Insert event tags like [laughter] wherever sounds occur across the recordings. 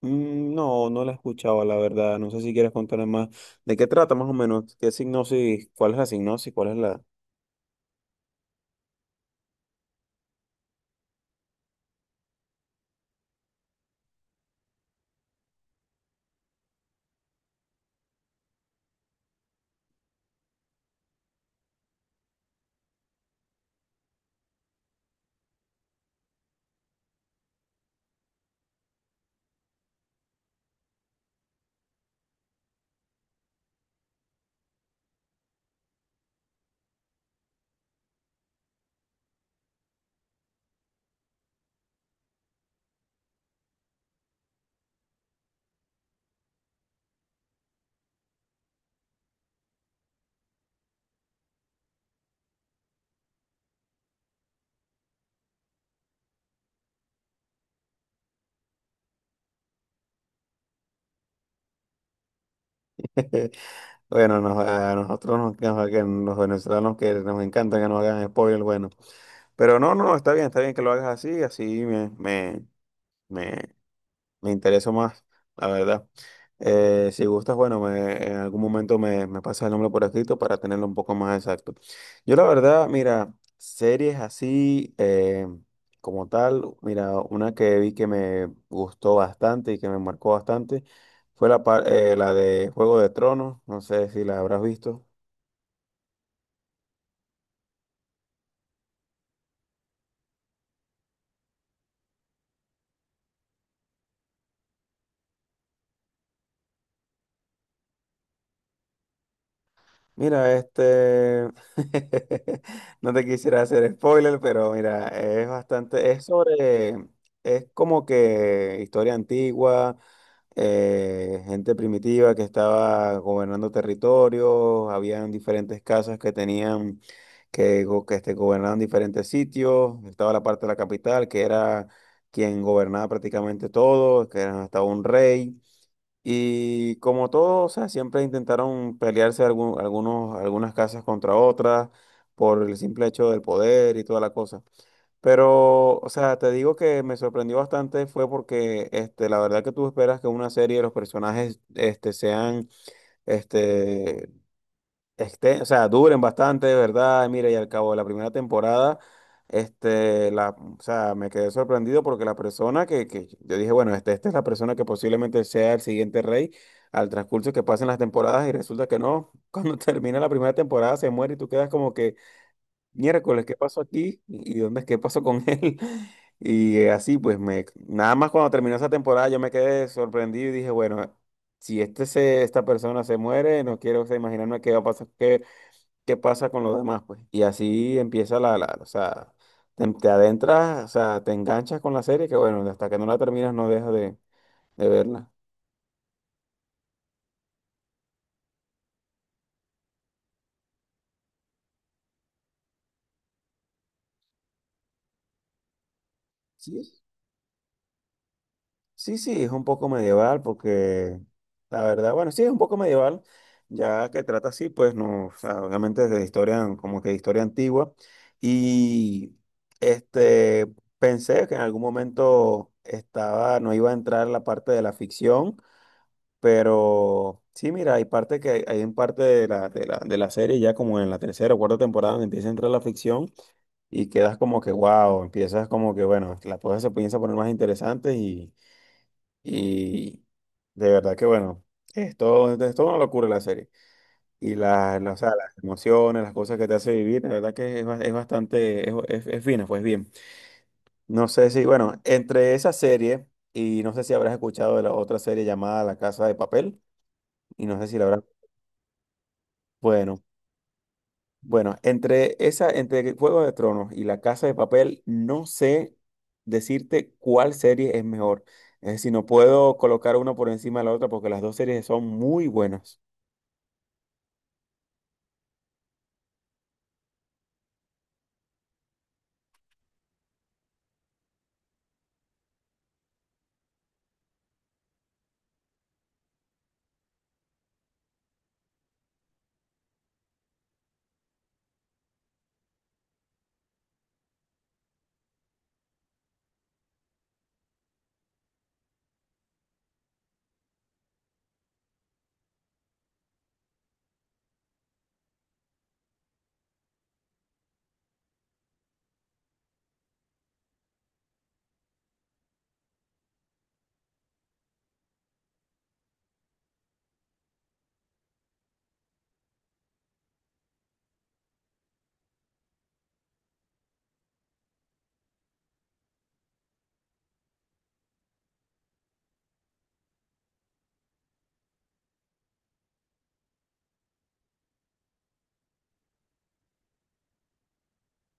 Mm, no, no la escuchaba, la verdad. No sé si quieres contarme más. ¿De qué trata más o menos? ¿Qué signosis? ¿Cuál es la signosis? ¿Cuál es la? [laughs] Bueno, a nosotros nos que los venezolanos que nos encantan que nos hagan spoiler, bueno. Pero no, no, está bien que lo hagas así, así me, me interesa más, la verdad. Si gustas, bueno, en algún momento me pasa el nombre por escrito para tenerlo un poco más exacto. Yo la verdad, mira, series así como tal, mira, una que vi que me gustó bastante y que me marcó bastante fue la de Juego de Tronos, no sé si la habrás visto. Mira, [laughs] no te quisiera hacer spoiler, pero mira, es bastante, es sobre, es como que historia antigua, gente primitiva que estaba gobernando territorios. Habían diferentes casas que tenían, que gobernaban diferentes sitios. Estaba la parte de la capital, que era quien gobernaba prácticamente todo, que era hasta un rey. Y como todo, o sea, siempre intentaron pelearse algunas casas contra otras por el simple hecho del poder y toda la cosa. Pero, o sea, te digo que me sorprendió bastante fue porque, la verdad que tú esperas que una serie de los personajes, este, o sea, duren bastante, de verdad. Mira, y al cabo de la primera temporada, o sea, me quedé sorprendido porque la persona que yo dije, bueno, esta es la persona que posiblemente sea el siguiente rey al transcurso que pasen las temporadas y resulta que no, [laughs] cuando termina la primera temporada se muere y tú quedas como que, miércoles, ¿qué pasó aquí? ¿Y qué pasó con él? [laughs] Y así, pues, nada más cuando terminó esa temporada yo me quedé sorprendido y dije, bueno, si esta persona se muere, no quiero, o sea, imaginarme qué va a pasar, qué pasa con los demás, pues. Y así empieza o sea, te adentras, o sea, te enganchas con la serie, que bueno, hasta que no la terminas no dejas de verla. Sí, sí, sí, es un poco medieval, porque la verdad, bueno, sí, es un poco medieval, ya que trata así, pues no, o sea, obviamente de historia, como que de historia antigua. Y este, pensé que en algún momento no iba a entrar la parte de la ficción. Pero sí, mira, hay parte que hay en parte de la serie, ya como en la tercera o cuarta temporada, donde empieza a entrar la ficción y quedas como que, wow, empiezas como que, bueno, las cosas se comienzan a poner más interesantes y de verdad que, bueno, es toda una locura la serie. Y o sea, las emociones, las cosas que te hace vivir, la verdad que es bastante, es fina, pues bien. No sé si, bueno, entre esa serie y no sé si habrás escuchado de la otra serie llamada La Casa de Papel. Y no sé si la habrás. Bueno, bueno, entre esa, entre Juego de Tronos y La Casa de Papel, no sé decirte cuál serie es mejor. Es decir, no puedo colocar una por encima de la otra porque las dos series son muy buenas.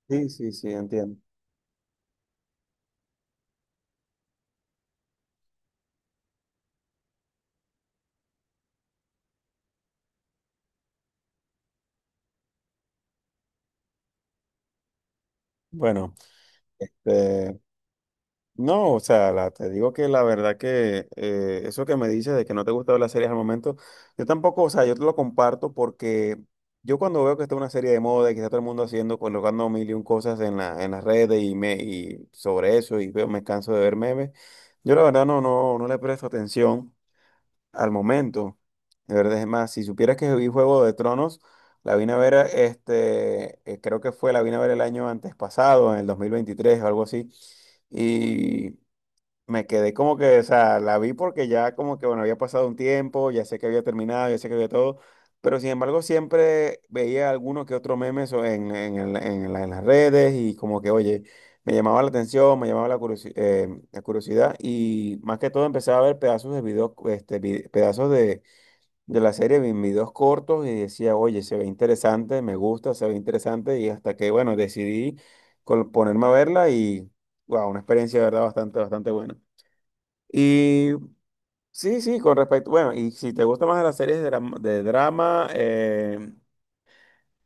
Sí, sí, sí, entiendo. Bueno, este. No, o sea, te digo que la verdad que eso que me dices de que no te gusta ver las series al momento, yo tampoco, o sea, yo te lo comparto porque yo cuando veo que está una serie de moda y que está todo el mundo haciendo, colocando mil y un cosas en las redes y sobre eso y veo, me canso de ver memes. Yo la verdad no, no, no le presto atención al momento. De verdad, es más, si supieras que vi Juego de Tronos, la vine a ver, creo que fue, la vine a ver el año antes pasado, en el 2023 o algo así. Me quedé como que, o sea, la vi porque ya como que, bueno, había pasado un tiempo, ya sé que había terminado, ya sé que había todo, pero sin embargo siempre veía alguno que otro meme so- en, el- en la- en las redes y como que, oye, me llamaba la atención, me llamaba la curiosidad, y más que todo empecé a ver pedazos de videos, pedazos de la serie en videos cortos y decía, oye, se ve interesante, me gusta, se ve interesante, y hasta que, bueno, decidí ponerme a verla y, wow, una experiencia de verdad bastante, bastante buena. Y sí, sí, con respecto, bueno, y si te gustan más las series de drama,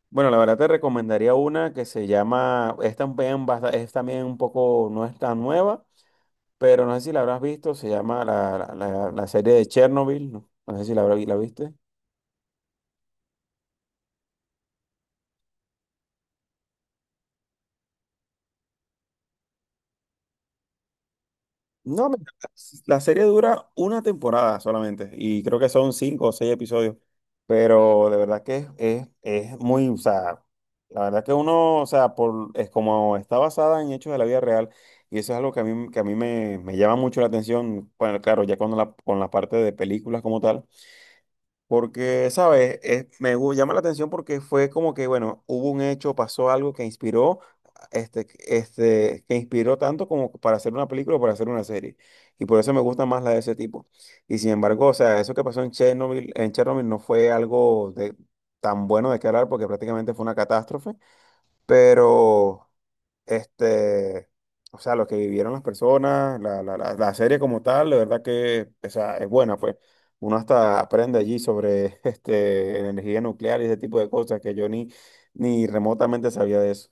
bueno, la verdad te recomendaría una que se llama, es también, es también un poco, no es tan nueva, pero no sé si la habrás visto, se llama la serie de Chernobyl, no, no sé si la viste. No, me la serie dura una temporada solamente y creo que son 5 o 6 episodios, pero de verdad que es muy, o sea, la verdad que uno, o sea, es como está basada en hechos de la vida real y eso es algo que a mí, me llama mucho la atención, bueno, claro, ya cuando con la parte de películas como tal. Porque, ¿sabes? Llama la atención porque fue como que, bueno, hubo un hecho, pasó algo que inspiró, que inspiró tanto como para hacer una película o para hacer una serie. Y por eso me gusta más la de ese tipo. Y sin embargo, o sea, eso que pasó en Chernobyl, no fue algo tan bueno de qué hablar porque prácticamente fue una catástrofe. Pero, este, o sea, lo que vivieron las personas, la serie como tal, la verdad que, o sea, es buena, pues. Uno hasta aprende allí sobre, [laughs] energía nuclear y ese tipo de cosas que yo ni remotamente sabía de eso.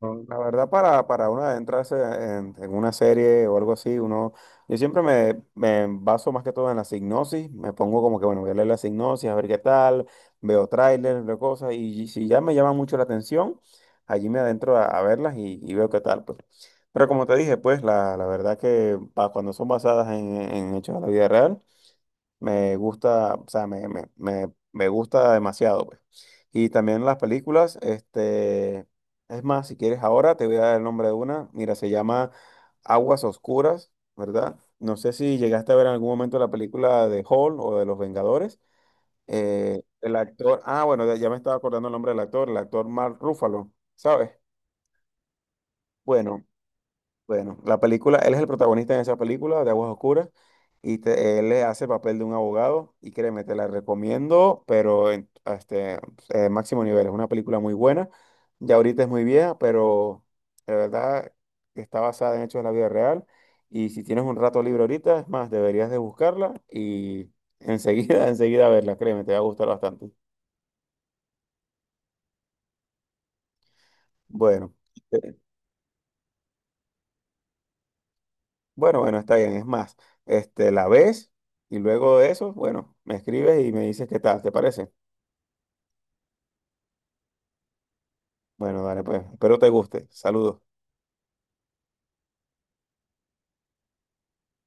No, la verdad, para uno adentrarse en una serie o algo así, yo siempre me baso más que todo en la sinopsis, me pongo como que, bueno, voy a leer la sinopsis, a ver qué tal, veo trailers, veo cosas, y si ya me llama mucho la atención, allí me adentro a verlas y veo qué tal, pues. Pero como te dije, pues, la verdad que cuando son basadas en hechos de la vida real, me gusta, o sea, me gusta demasiado, pues. Y también las películas, es más, si quieres ahora te voy a dar el nombre de una. Mira, se llama Aguas Oscuras, ¿verdad? No sé si llegaste a ver en algún momento la película de Hall o de Los Vengadores. El actor, ah, bueno, ya me estaba acordando el nombre del actor, el actor Mark Ruffalo, ¿sabes? Bueno. Bueno, la película, él es el protagonista en esa película de Aguas Oscuras y él le hace el papel de un abogado y créeme, te la recomiendo, pero en, máximo nivel. Es una película muy buena, ya ahorita es muy vieja, pero de verdad está basada en hechos de la vida real, y si tienes un rato libre ahorita, es más, deberías de buscarla y enseguida, [laughs] enseguida verla, créeme, te va a gustar bastante. Bueno. eh, Bueno, bueno, está bien. Es más, la ves y luego de eso, bueno, me escribes y me dices qué tal, ¿te parece? Bueno, dale, pues. Espero te guste. Saludos.